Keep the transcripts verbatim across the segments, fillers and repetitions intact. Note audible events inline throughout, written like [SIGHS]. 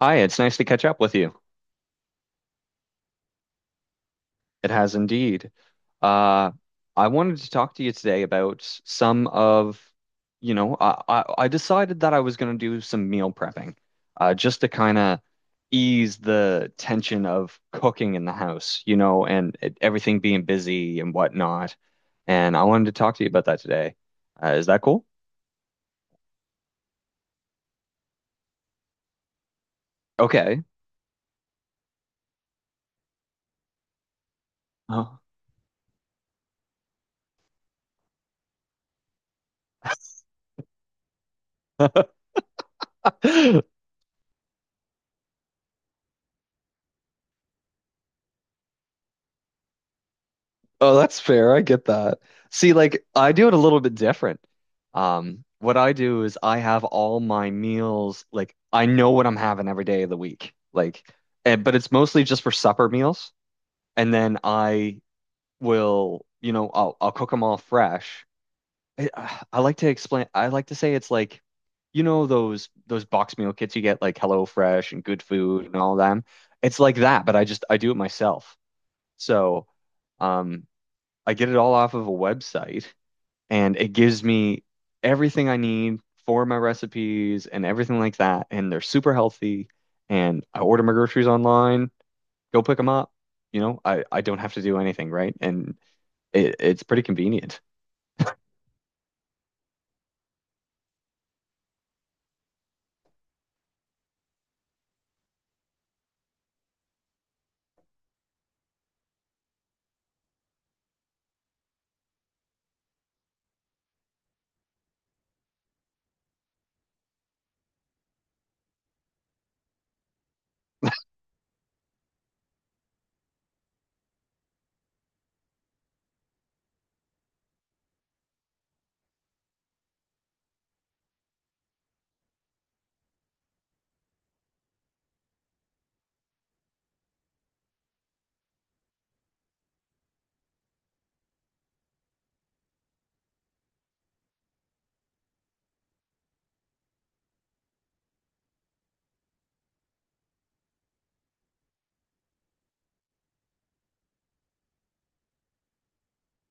Hi, it's nice to catch up with you. It has indeed. Uh, I wanted to talk to you today about some of, you know, I, I, I decided that I was going to do some meal prepping, uh, just to kind of ease the tension of cooking in the house, you know, and it, everything being busy and whatnot. And I wanted to talk to you about that today. Uh, is that cool? Okay. Oh. [LAUGHS] Oh, that's fair. I get that. See, like I do it a little bit different. Um, what I do is I have all my meals, like I know what I'm having every day of the week. Like, and, but it's mostly just for supper meals. And then I will, you know, I'll I'll cook them all fresh. I, I like to explain, I like to say it's like, you know, those those box meal kits you get like HelloFresh and Good Food and all them. It's like that, but I just I do it myself. So, um I get it all off of a website and it gives me everything I need for my recipes and everything like that. And they're super healthy. And I order my groceries online, go pick them up. You know, I, I don't have to do anything, right? And it, it's pretty convenient.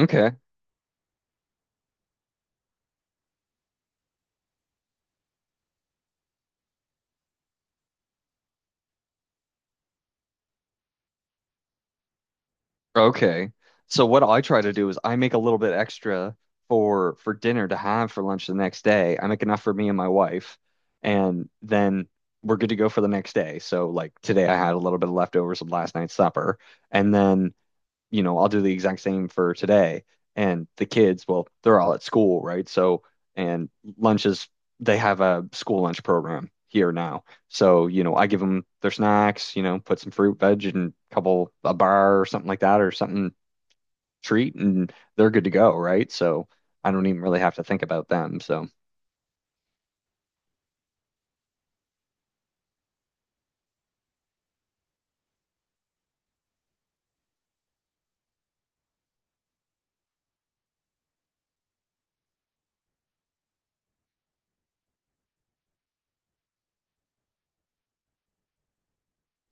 Okay. Okay. So what I try to do is I make a little bit extra for for dinner to have for lunch the next day. I make enough for me and my wife, and then we're good to go for the next day. So like today I had a little bit of leftovers of last night's supper, and then you know, I'll do the exact same for today. And the kids, well, they're all at school, right? So, and lunches, they have a school lunch program here now. So, you know, I give them their snacks, you know, put some fruit, veg, and a couple, a bar or something like that, or something treat, and they're good to go, right? So I don't even really have to think about them. So,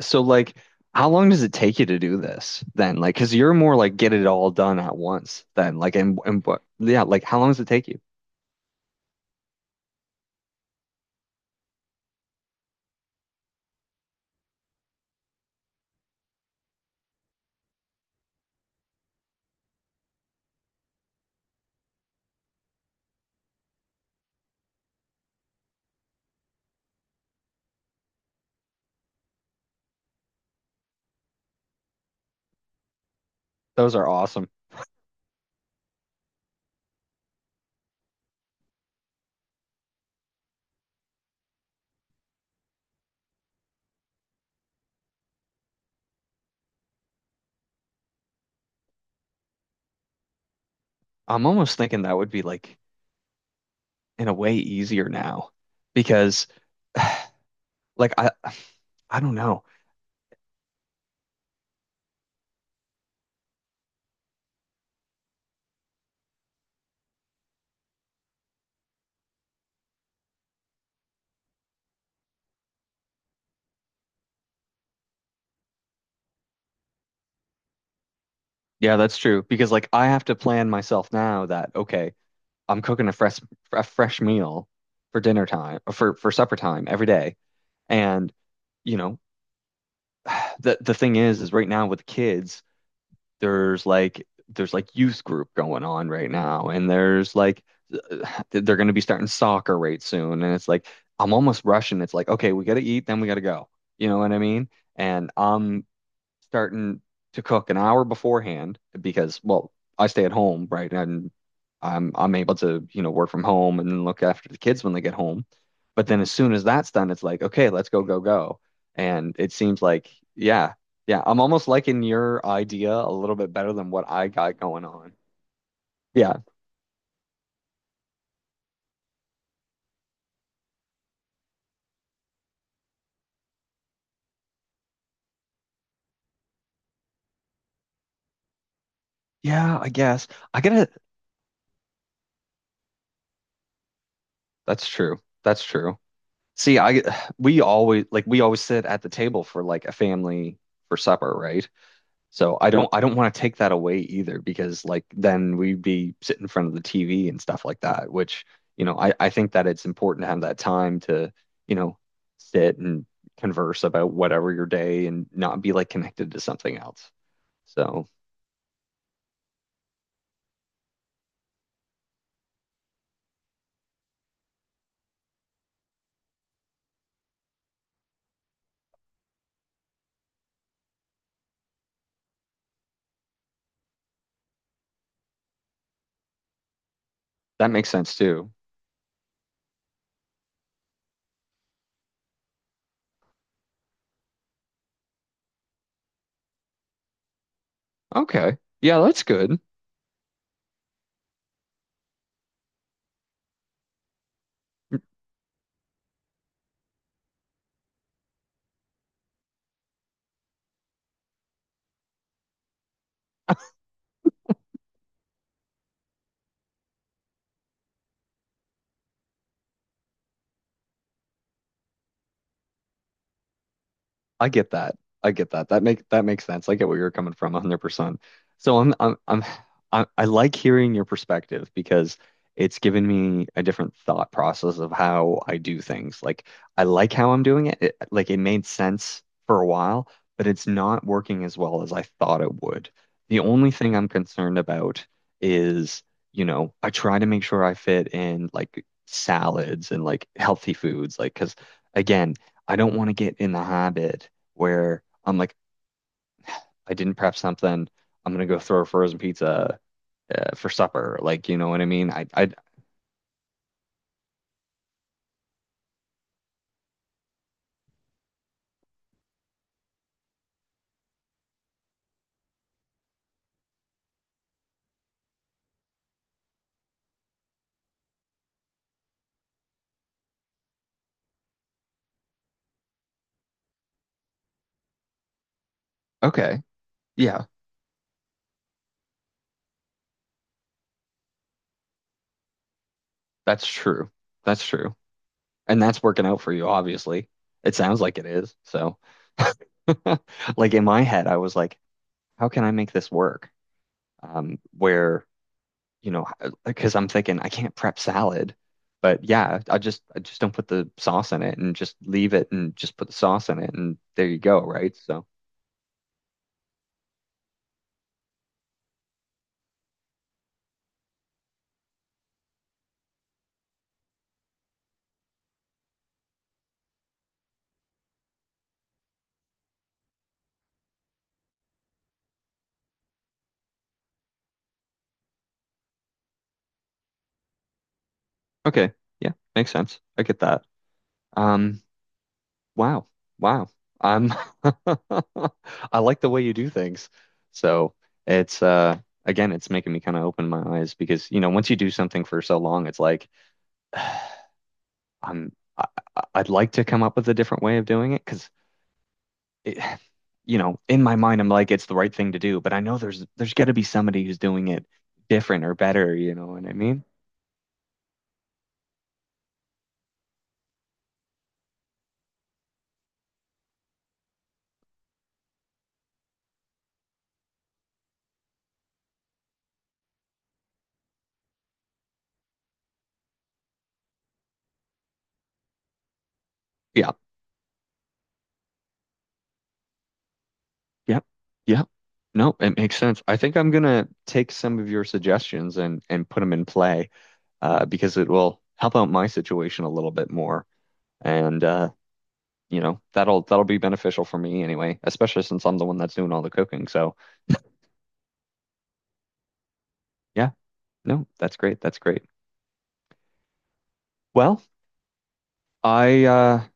so like, how long does it take you to do this then? Like, because you're more like get it all done at once then. Like, and, and what, yeah, like, how long does it take you? Those are awesome. I'm almost thinking that would be like in a way easier now because [SIGHS] like I I don't know. Yeah, that's true because like I have to plan myself now that okay, I'm cooking a fresh a fresh meal for dinner time for for supper time every day and you know [SIGHS] the the thing is is right now with kids there's like there's like youth group going on right now and there's like [SIGHS] they're going to be starting soccer right soon and it's like I'm almost rushing it's like okay we got to eat then we got to go you know what I mean and I'm starting to cook an hour beforehand because, well, I stay at home, right? And I'm I'm able to, you know, work from home and then look after the kids when they get home. But then as soon as that's done, it's like, okay, let's go, go, go. And it seems like, yeah, yeah, I'm almost liking your idea a little bit better than what I got going on. Yeah. Yeah, I guess. I gotta, that's true. That's true. See, I, we always, like, we always sit at the table for like a family for supper, right? So I don't I don't want to take that away either because like then we'd be sitting in front of the T V and stuff like that, which, you know, I, I think that it's important to have that time to, you know, sit and converse about whatever your day and not be like connected to something else. So that makes sense too. Okay. Yeah, that's good. I get that. I get that. That make that makes sense. I get where you're coming from one hundred percent. So I'm I'm I'm I, I like hearing your perspective because it's given me a different thought process of how I do things. Like I like how I'm doing it. It like it made sense for a while, but it's not working as well as I thought it would. The only thing I'm concerned about is, you know, I try to make sure I fit in like salads and like healthy foods, like because again, I don't want to get in the habit where I'm like, I didn't prep something. I'm gonna go throw a frozen pizza uh, for supper. Like, you know what I mean? I, I, okay, yeah, that's true. That's true, and that's working out for you, obviously. It sounds like it is. So, [LAUGHS] like in my head, I was like, how can I make this work? Um, where you know, because I'm thinking I can't prep salad, but yeah, I just I just don't put the sauce in it and just leave it and just put the sauce in it and there you go, right? So, okay, yeah, makes sense. I get that. Um, wow. Wow. Um, [LAUGHS] I like the way you do things. So it's uh again, it's making me kind of open my eyes because, you know, once you do something for so long, it's like [SIGHS] I'm I, I- I'd like to come up with a different way of doing it because it, [SIGHS] you know, in my mind, I'm like it's the right thing to do, but I know there's there's got to be somebody who's doing it different or better, you know what I mean? Yeah, yeah, yeah. No, it makes sense. I think I'm gonna take some of your suggestions and and put them in play. Uh, because it will help out my situation a little bit more. And uh, you know, that'll that'll be beneficial for me anyway, especially since I'm the one that's doing all the cooking. So yeah, no, that's great. That's great. Well, I uh,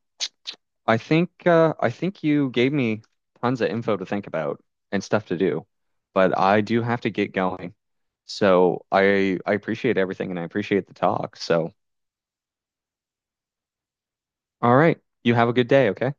I think uh, I think you gave me tons of info to think about and stuff to do, but I do have to get going. So I I appreciate everything and I appreciate the talk. So all right, you have a good day, okay?